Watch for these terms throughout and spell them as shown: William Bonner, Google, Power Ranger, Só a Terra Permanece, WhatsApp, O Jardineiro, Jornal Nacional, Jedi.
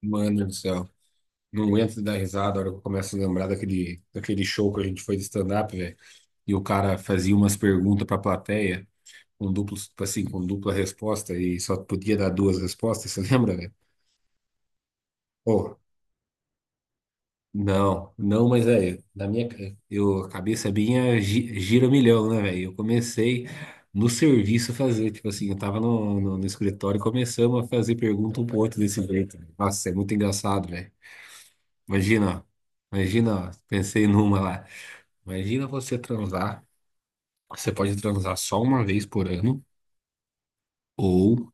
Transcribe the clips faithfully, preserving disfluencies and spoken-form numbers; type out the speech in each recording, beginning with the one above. Mano do céu. Não aguento de dar risada a hora que eu começo a lembrar daquele, daquele show que a gente foi de stand-up, velho. E o cara fazia umas perguntas pra plateia, com duplo, tipo assim, com dupla resposta, e só podia dar duas respostas, você lembra, velho? Oh, não, não, mas é, na minha, eu, a cabeça minha gi- gira um milhão, né, velho? Eu comecei no serviço a fazer, tipo assim, eu tava no, no, no escritório e começamos a fazer pergunta um pro outro desse jeito, véi. Nossa, é muito engraçado, velho. Imagina, ó. Imagina, ó. Pensei numa lá. Imagina você transar. Você pode transar só uma vez por ano, ou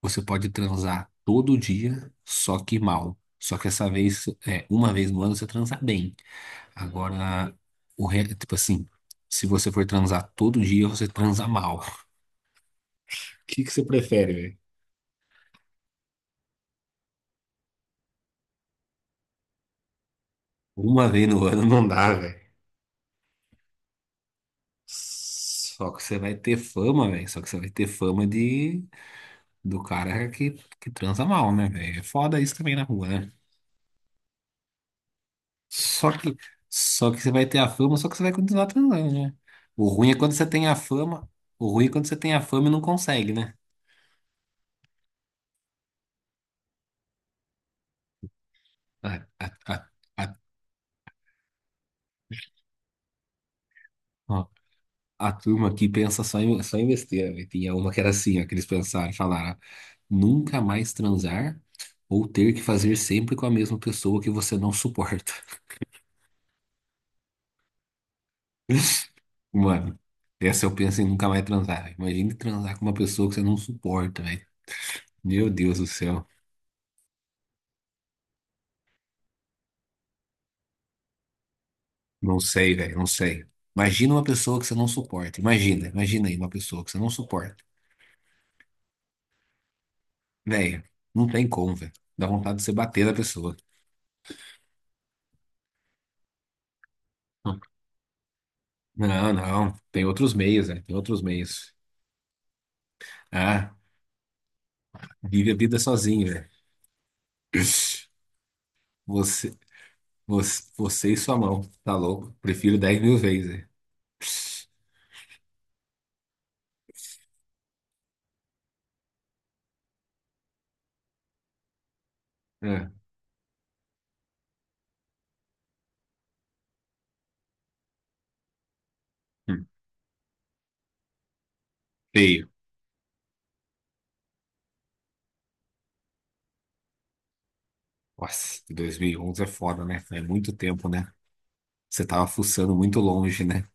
você pode transar todo dia, só que mal. Só que essa vez, é, uma vez no ano você transa bem. Agora, o re... tipo assim, se você for transar todo dia, você transa mal. O que que você prefere, velho? Uma vez no ano não dá, velho. Só que você vai ter fama, velho. Só que você vai ter fama de do cara que, que transa mal, né, velho? É foda isso também na rua, né? Só que, só que você vai ter a fama, só que você vai continuar transando, né? O ruim é quando você tem a fama, o ruim é quando você tem a fama e não consegue, né? A, a, a, a, ó, a turma aqui pensa só em, só em besteira, velho. Tinha uma que era assim, ó, que eles pensaram, falaram, nunca mais transar ou ter que fazer sempre com a mesma pessoa que você não suporta. Mano, essa eu penso em nunca mais transar, velho. Imagine transar com uma pessoa que você não suporta, velho. Meu Deus do céu. Não sei, velho, não sei. Imagina uma pessoa que você não suporta. Imagina, imagina aí uma pessoa que você não suporta. Velho, não tem como, velho. Dá vontade de você bater na pessoa. Não, não. Tem outros meios, velho. Tem outros meios. Ah, vive a vida sozinho, velho. Você, você, você e sua mão. Tá louco? Prefiro dez mil vezes, velho. É. Hum. Feio. Nossa, dois mil e onze é foda, né? É muito tempo, né? Você tava fuçando muito longe, né?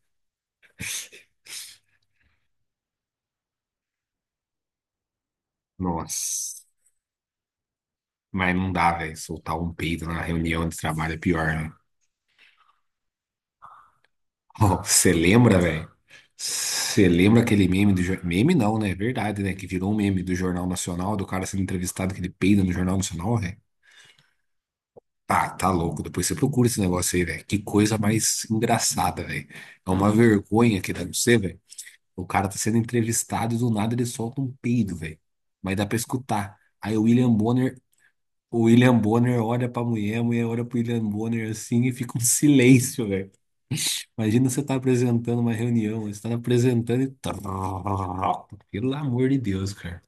Nossa. Mas não dá, velho. Soltar um peido na reunião de trabalho é pior, né? Ó, você lembra, velho? Você lembra aquele meme do... jor- Meme não, né? É verdade, né? Que virou um meme do Jornal Nacional, do cara sendo entrevistado que ele peida no Jornal Nacional, velho? Ah, tá louco. Depois você procura esse negócio aí, velho. Que coisa mais engraçada, velho. É uma vergonha que dá no você, velho. O cara tá sendo entrevistado e do nada ele solta um peido, velho. Mas dá pra escutar. Aí o William Bonner, o William Bonner olha pra mulher, a mulher olha pro William Bonner assim e fica um silêncio, velho. Imagina você tá apresentando uma reunião, você tá apresentando e. Pelo amor de Deus, cara.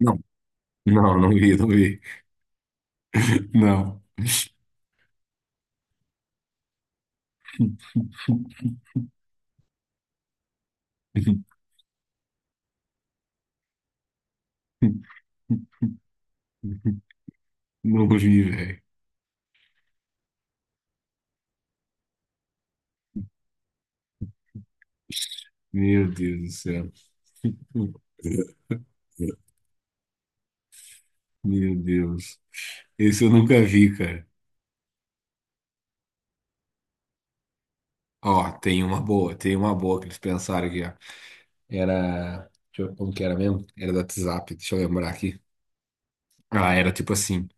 Não, não, não vi, não vi. Não. Não vi, velho. Meu Deus do céu. Meu Deus. Esse eu nunca vi, cara. Ó, tem uma boa, tem uma boa que eles pensaram aqui, ó. Era. Deixa eu, como que era mesmo? Era da WhatsApp, deixa eu lembrar aqui. Ah, era tipo assim: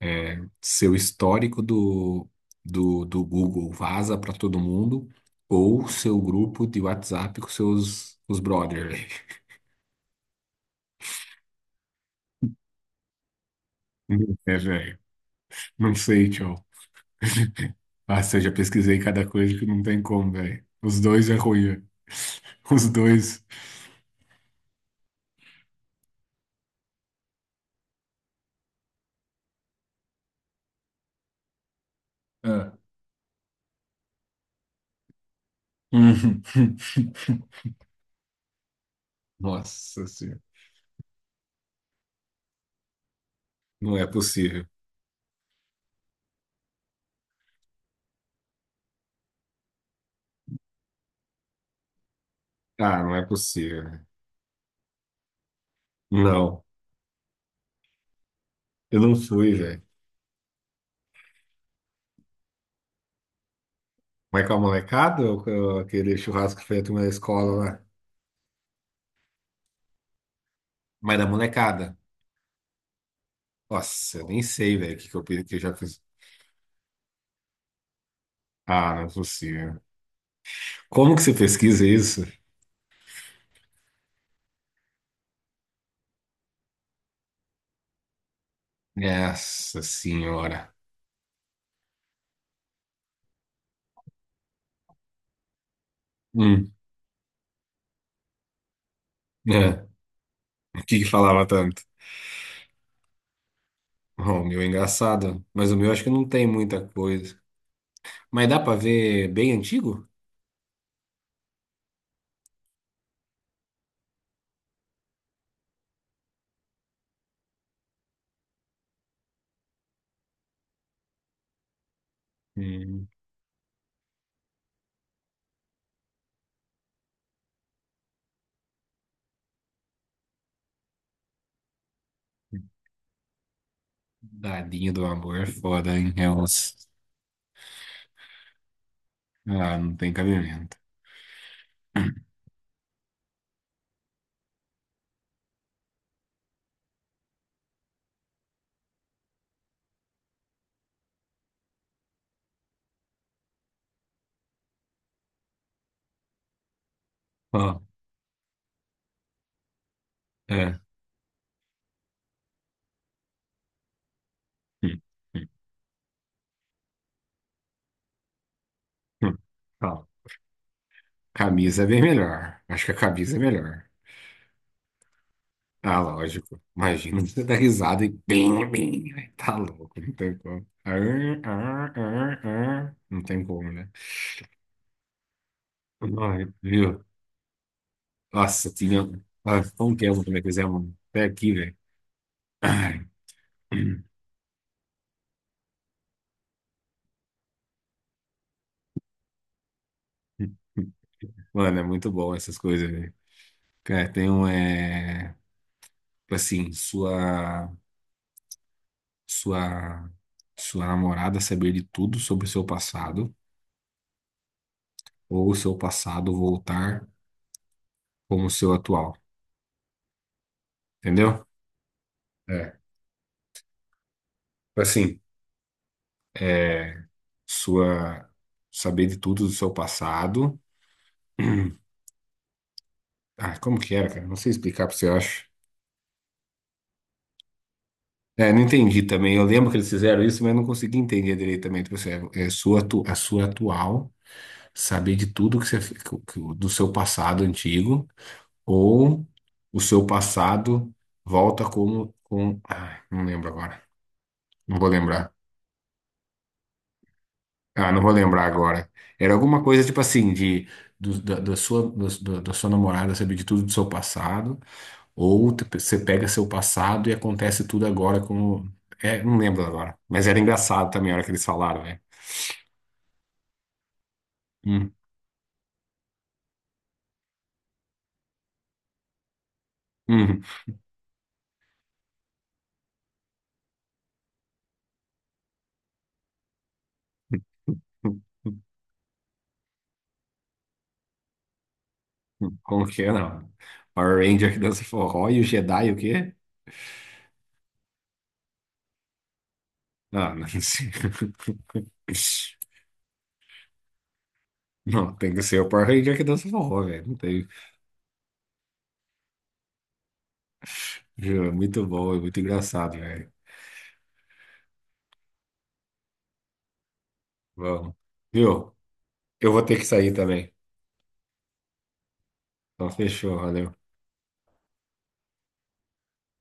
é, seu histórico do, do, do Google vaza pra todo mundo, ou seu grupo de WhatsApp com seus os brothers, velho. É, velho. Não sei, tio. Ah, se eu já pesquisei cada coisa que não tem como, velho. Os dois é ruim, velho. Os dois. Ah. Nossa senhora. Não é possível. Ah, não é possível, né? Não, eu não fui, velho. Mas com a molecada ou com aquele churrasco feito na escola lá? Mas da molecada. Nossa, eu nem sei, velho, o que que eu, pe- que eu já fiz. Ah, não é possível. Como que você pesquisa isso? Nossa senhora. Hum, é. O que que falava tanto? Bom, o meu é engraçado, mas o meu acho que não tem muita coisa. Mas dá pra ver bem antigo? Hum, dadinho do amor é foda, hein? É uns... Ah, não tem cabimento. Ó. É. Hum, hum, hum. Ó, camisa é bem melhor. Acho que a camisa é melhor. Ah, lógico. Imagina você dar risada e bem, bem. Ai, tá louco, não tem como. Ah, ah, ah, ah. Não tem como, né? Ai, viu? Nossa, tinha. Ah, foi um tempo também que fizemos até aqui, velho. Ai. Mano, é muito bom essas coisas, velho. Cara, tem um, é, tipo assim, sua. sua sua namorada saber de tudo sobre o seu passado ou o seu passado voltar como o seu atual, entendeu? É, tipo assim, é sua saber de tudo do seu passado. Ah, como que era, cara? Não sei explicar pra você, eu acho. É, não entendi também. Eu lembro que eles fizeram isso, mas não consegui entender direitamente. Tipo assim, É é sua, atu- a sua atual, saber de tudo que você, fe- que- que- do seu passado antigo. Ou o seu passado volta como com. Ai, não lembro agora. Não vou lembrar. Ah, não vou lembrar agora. Era alguma coisa tipo assim, de do- da, da sua, do- do- da sua namorada saber de tudo do seu passado, ou te- você pega seu passado e acontece tudo agora como. É, não lembro agora. Mas era engraçado também a hora que eles falaram, né? Hum, hum, hum, hum. Como que é, não? Power Ranger que dança forró e o Jedi o quê? Ah, não sei. Não, tem que ser o Power Ranger que dança forró, velho. Não tem. Juro, é muito bom, é muito engraçado, velho. Vamos. Viu? Eu vou ter que sair também. Então, fechou, valeu.